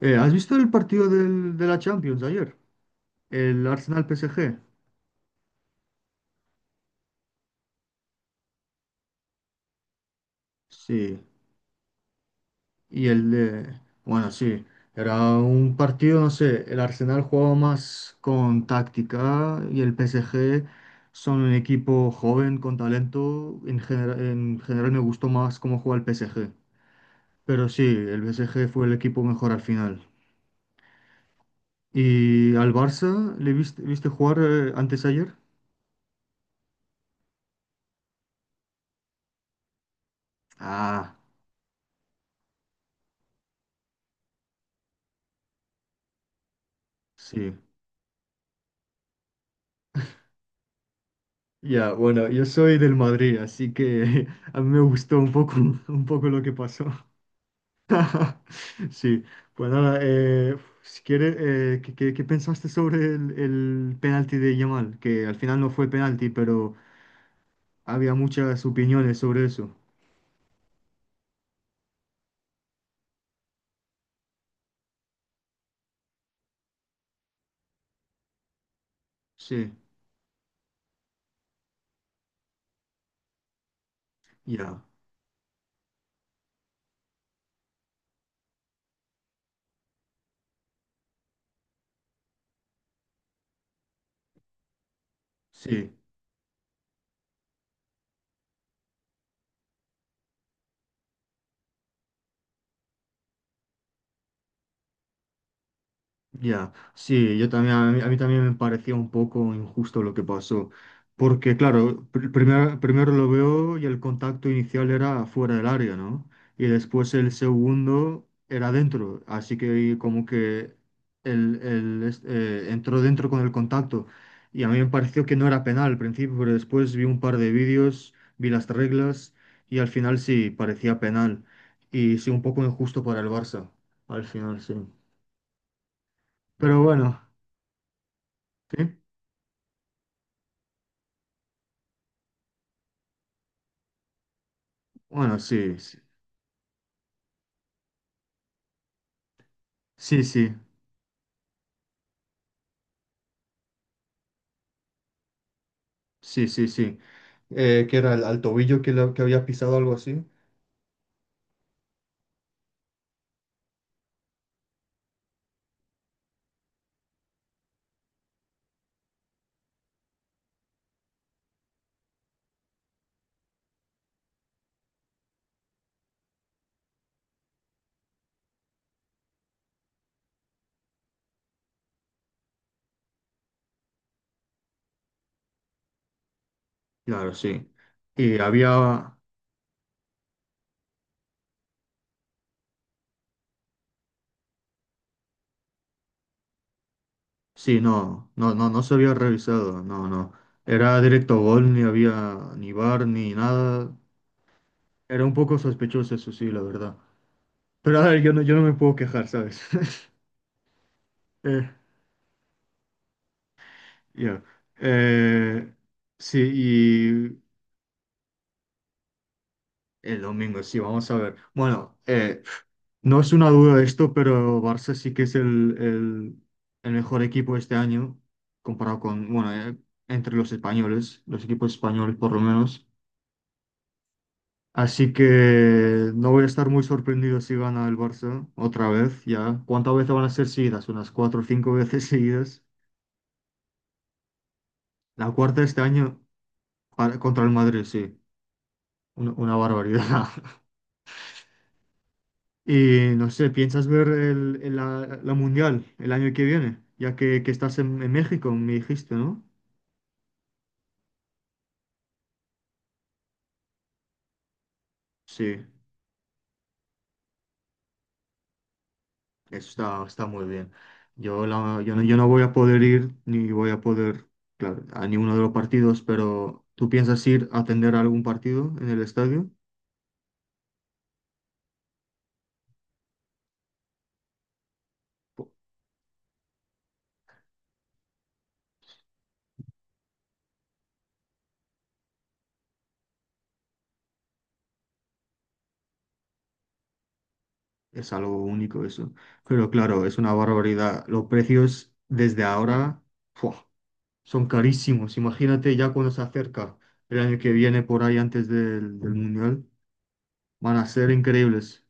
¿Has visto el partido de la Champions ayer? El Arsenal-PSG. Sí. Y el de... Bueno, sí. Era un partido, no sé, el Arsenal jugaba más con táctica y el PSG son un equipo joven, con talento. En general, me gustó más cómo juega el PSG. Pero sí, el PSG fue el equipo mejor al final. ¿Y al Barça le viste, jugar, antes ayer? Ah, sí. Ya, bueno, yo soy del Madrid, así que a mí me gustó un poco, un poco lo que pasó. Sí, pues nada, si quieres, ¿qué, qué pensaste sobre el penalti de Yamal? Que al final no fue penalti, pero había muchas opiniones sobre eso. Sí, ya, sí. Ya, sí, yo también, a mí también me parecía un poco injusto lo que pasó, porque claro, primero lo veo y el contacto inicial era fuera del área, ¿no? Y después el segundo era dentro, así que como que entró dentro con el contacto y a mí me pareció que no era penal al principio, pero después vi un par de vídeos, vi las reglas y al final sí, parecía penal y sí, un poco injusto para el Barça, al final sí. Pero bueno. Sí, bueno, sí, sí, sí, sí, sí, sí. Que era el, al tobillo que, que había pisado algo así. Claro, sí. Y había, sí, no, no, no, no se había revisado, no, no. Era directo gol, ni había ni bar ni nada. Era un poco sospechoso, eso sí, la verdad. Pero a ver, yo no me puedo quejar, ¿sabes? Eh, ya. Eh, sí, y el domingo, sí, vamos a ver. Bueno, no es una duda de esto, pero Barça sí que es el mejor equipo este año, comparado con, bueno, entre los españoles, los equipos españoles por lo menos. Así que no voy a estar muy sorprendido si gana el Barça otra vez, ya. ¿Cuántas veces van a ser seguidas? Unas cuatro o cinco veces seguidas. La cuarta este año contra el Madrid, sí. Una barbaridad. Y no sé, ¿piensas ver la Mundial el año que viene? Ya que estás en México, me dijiste, ¿no? Sí, eso está muy bien. Yo no voy a poder ir ni voy a poder, claro, a ninguno de los partidos, pero ¿tú piensas ir a atender a algún partido en el estadio? Po- Es algo único eso. Pero claro, es una barbaridad. Los precios desde ahora, ¡fua! Son carísimos. Imagínate ya cuando se acerca el año que viene por ahí antes del Mundial, van a ser increíbles.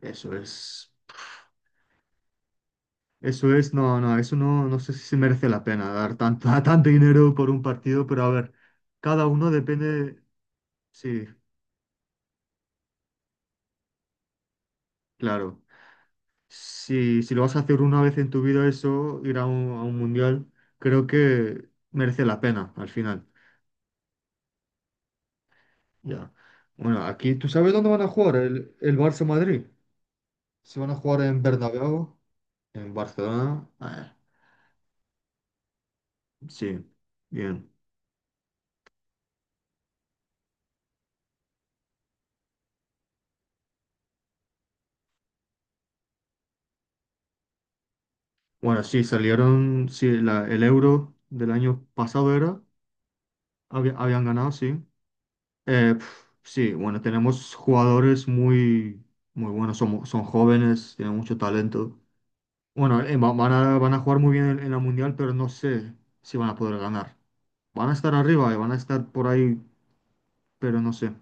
Eso es. Eso es, no, no, eso no, no sé si se merece la pena dar tanto, tanto dinero por un partido, pero a ver, cada uno depende, sí, claro. Si lo vas a hacer una vez en tu vida eso, ir a un mundial, creo que merece la pena al final. Ya. Bueno, aquí, ¿tú sabes dónde van a jugar el Barça Madrid? Se van a jugar en Bernabéu, en Barcelona. Ah, sí, bien. Bueno, sí, salieron, sí, el Euro del año pasado era. Habían ganado, sí. Eh, pf, sí, bueno, tenemos jugadores muy, muy buenos, son jóvenes, tienen mucho talento. Bueno, van a jugar muy bien en la Mundial, pero no sé si van a poder ganar. Van a estar arriba y van a estar por ahí, pero no sé.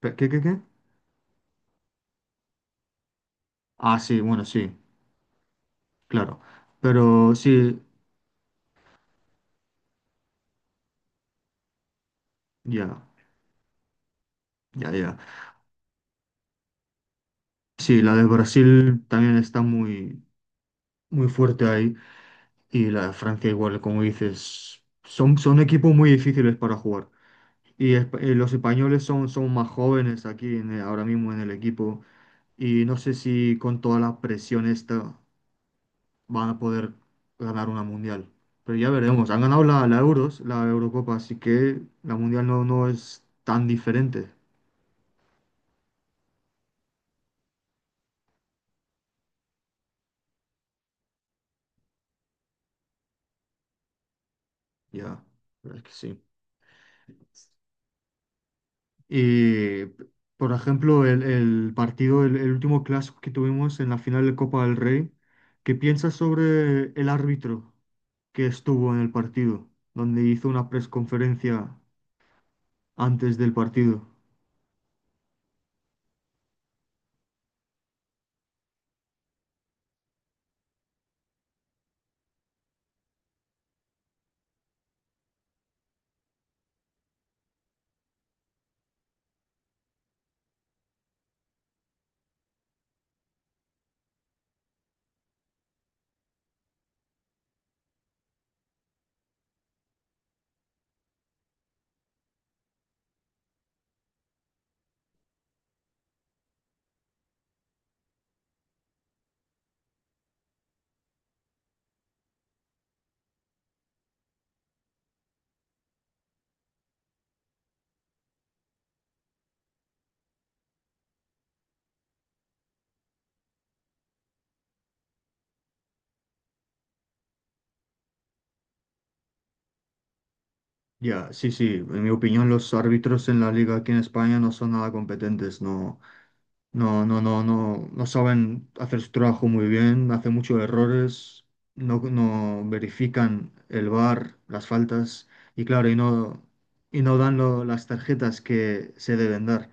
¿Qué? Ah, sí, bueno, sí, claro. Pero sí, ya, ya, ya. Sí, la de Brasil también está muy, muy fuerte ahí. Y la de Francia igual, como dices, son equipos muy difíciles para jugar. Y los españoles son más jóvenes aquí ahora mismo en el equipo y no sé si con toda la presión esta van a poder ganar una mundial. Pero ya veremos. Han ganado la Euros, la Eurocopa, así que la mundial no es tan diferente. Ya, pero es que sí. Y, por ejemplo, el partido, el último clásico que tuvimos en la final de Copa del Rey, ¿qué piensas sobre el árbitro que estuvo en el partido, donde hizo una presconferencia antes del partido? Ya, sí, sí, en mi opinión los árbitros en la liga aquí en España no son nada competentes, no, no, no, no, no, no saben hacer su trabajo muy bien, hacen muchos errores, no verifican el VAR, las faltas y claro, y no dan las tarjetas que se deben dar.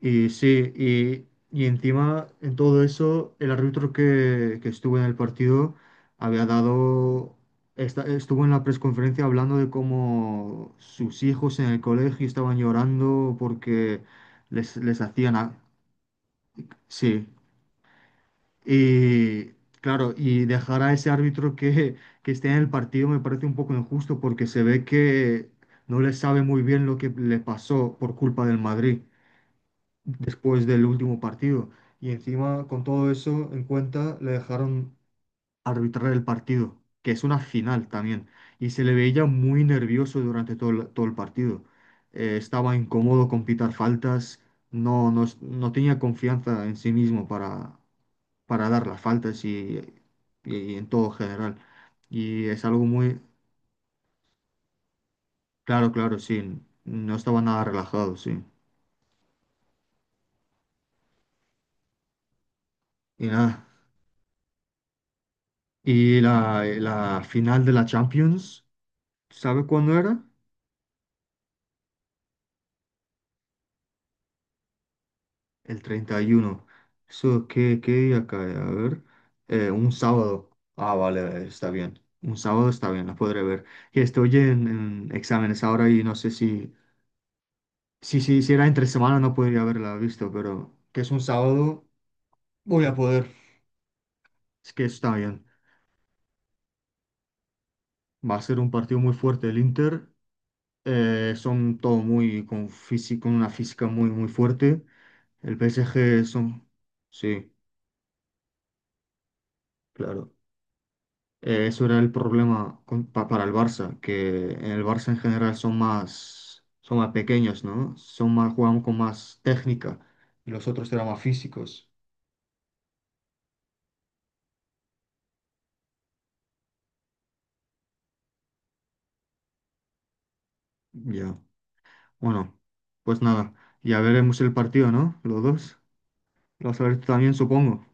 Y sí, y encima en todo eso, el árbitro que estuvo en el partido había dado, estuvo en la presconferencia hablando de cómo sus hijos en el colegio estaban llorando porque les hacían... sí, y claro, y dejar a ese árbitro que esté en el partido me parece un poco injusto porque se ve que no le sabe muy bien lo que le pasó por culpa del Madrid después del último partido. Y encima, con todo eso en cuenta, le dejaron arbitrar el partido, que es una final también. Y se le veía muy nervioso durante todo el partido. Estaba incómodo con pitar faltas, no tenía confianza en sí mismo para, dar las faltas y en todo general. Y es algo muy... Claro, claro, sí. No estaba nada relajado, sí. Y nada. Y la final de la Champions. ¿Sabe cuándo era? El 31. Eso, ¿qué día cae? A ver. Un sábado. Ah, vale, está bien. Un sábado está bien, la podré ver. Y estoy en exámenes ahora y no sé si era entre semana no podría haberla visto, pero que es un sábado, voy a poder. Es que está bien. Va a ser un partido muy fuerte el Inter. Son todo muy con físico, una física muy, muy fuerte. El PSG son... Sí, claro. Eso era el problema para el Barça, que en el Barça en general son más, pequeños, ¿no? Son más, juegan con más técnica y los otros eran más físicos. Ya. Bueno, pues nada, ya veremos el partido, ¿no? Los dos. Lo vas a ver tú también, supongo.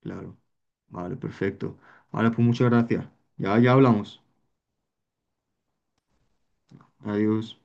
Claro. Vale, perfecto. Vale, pues muchas gracias. Ya, ya hablamos. Adiós.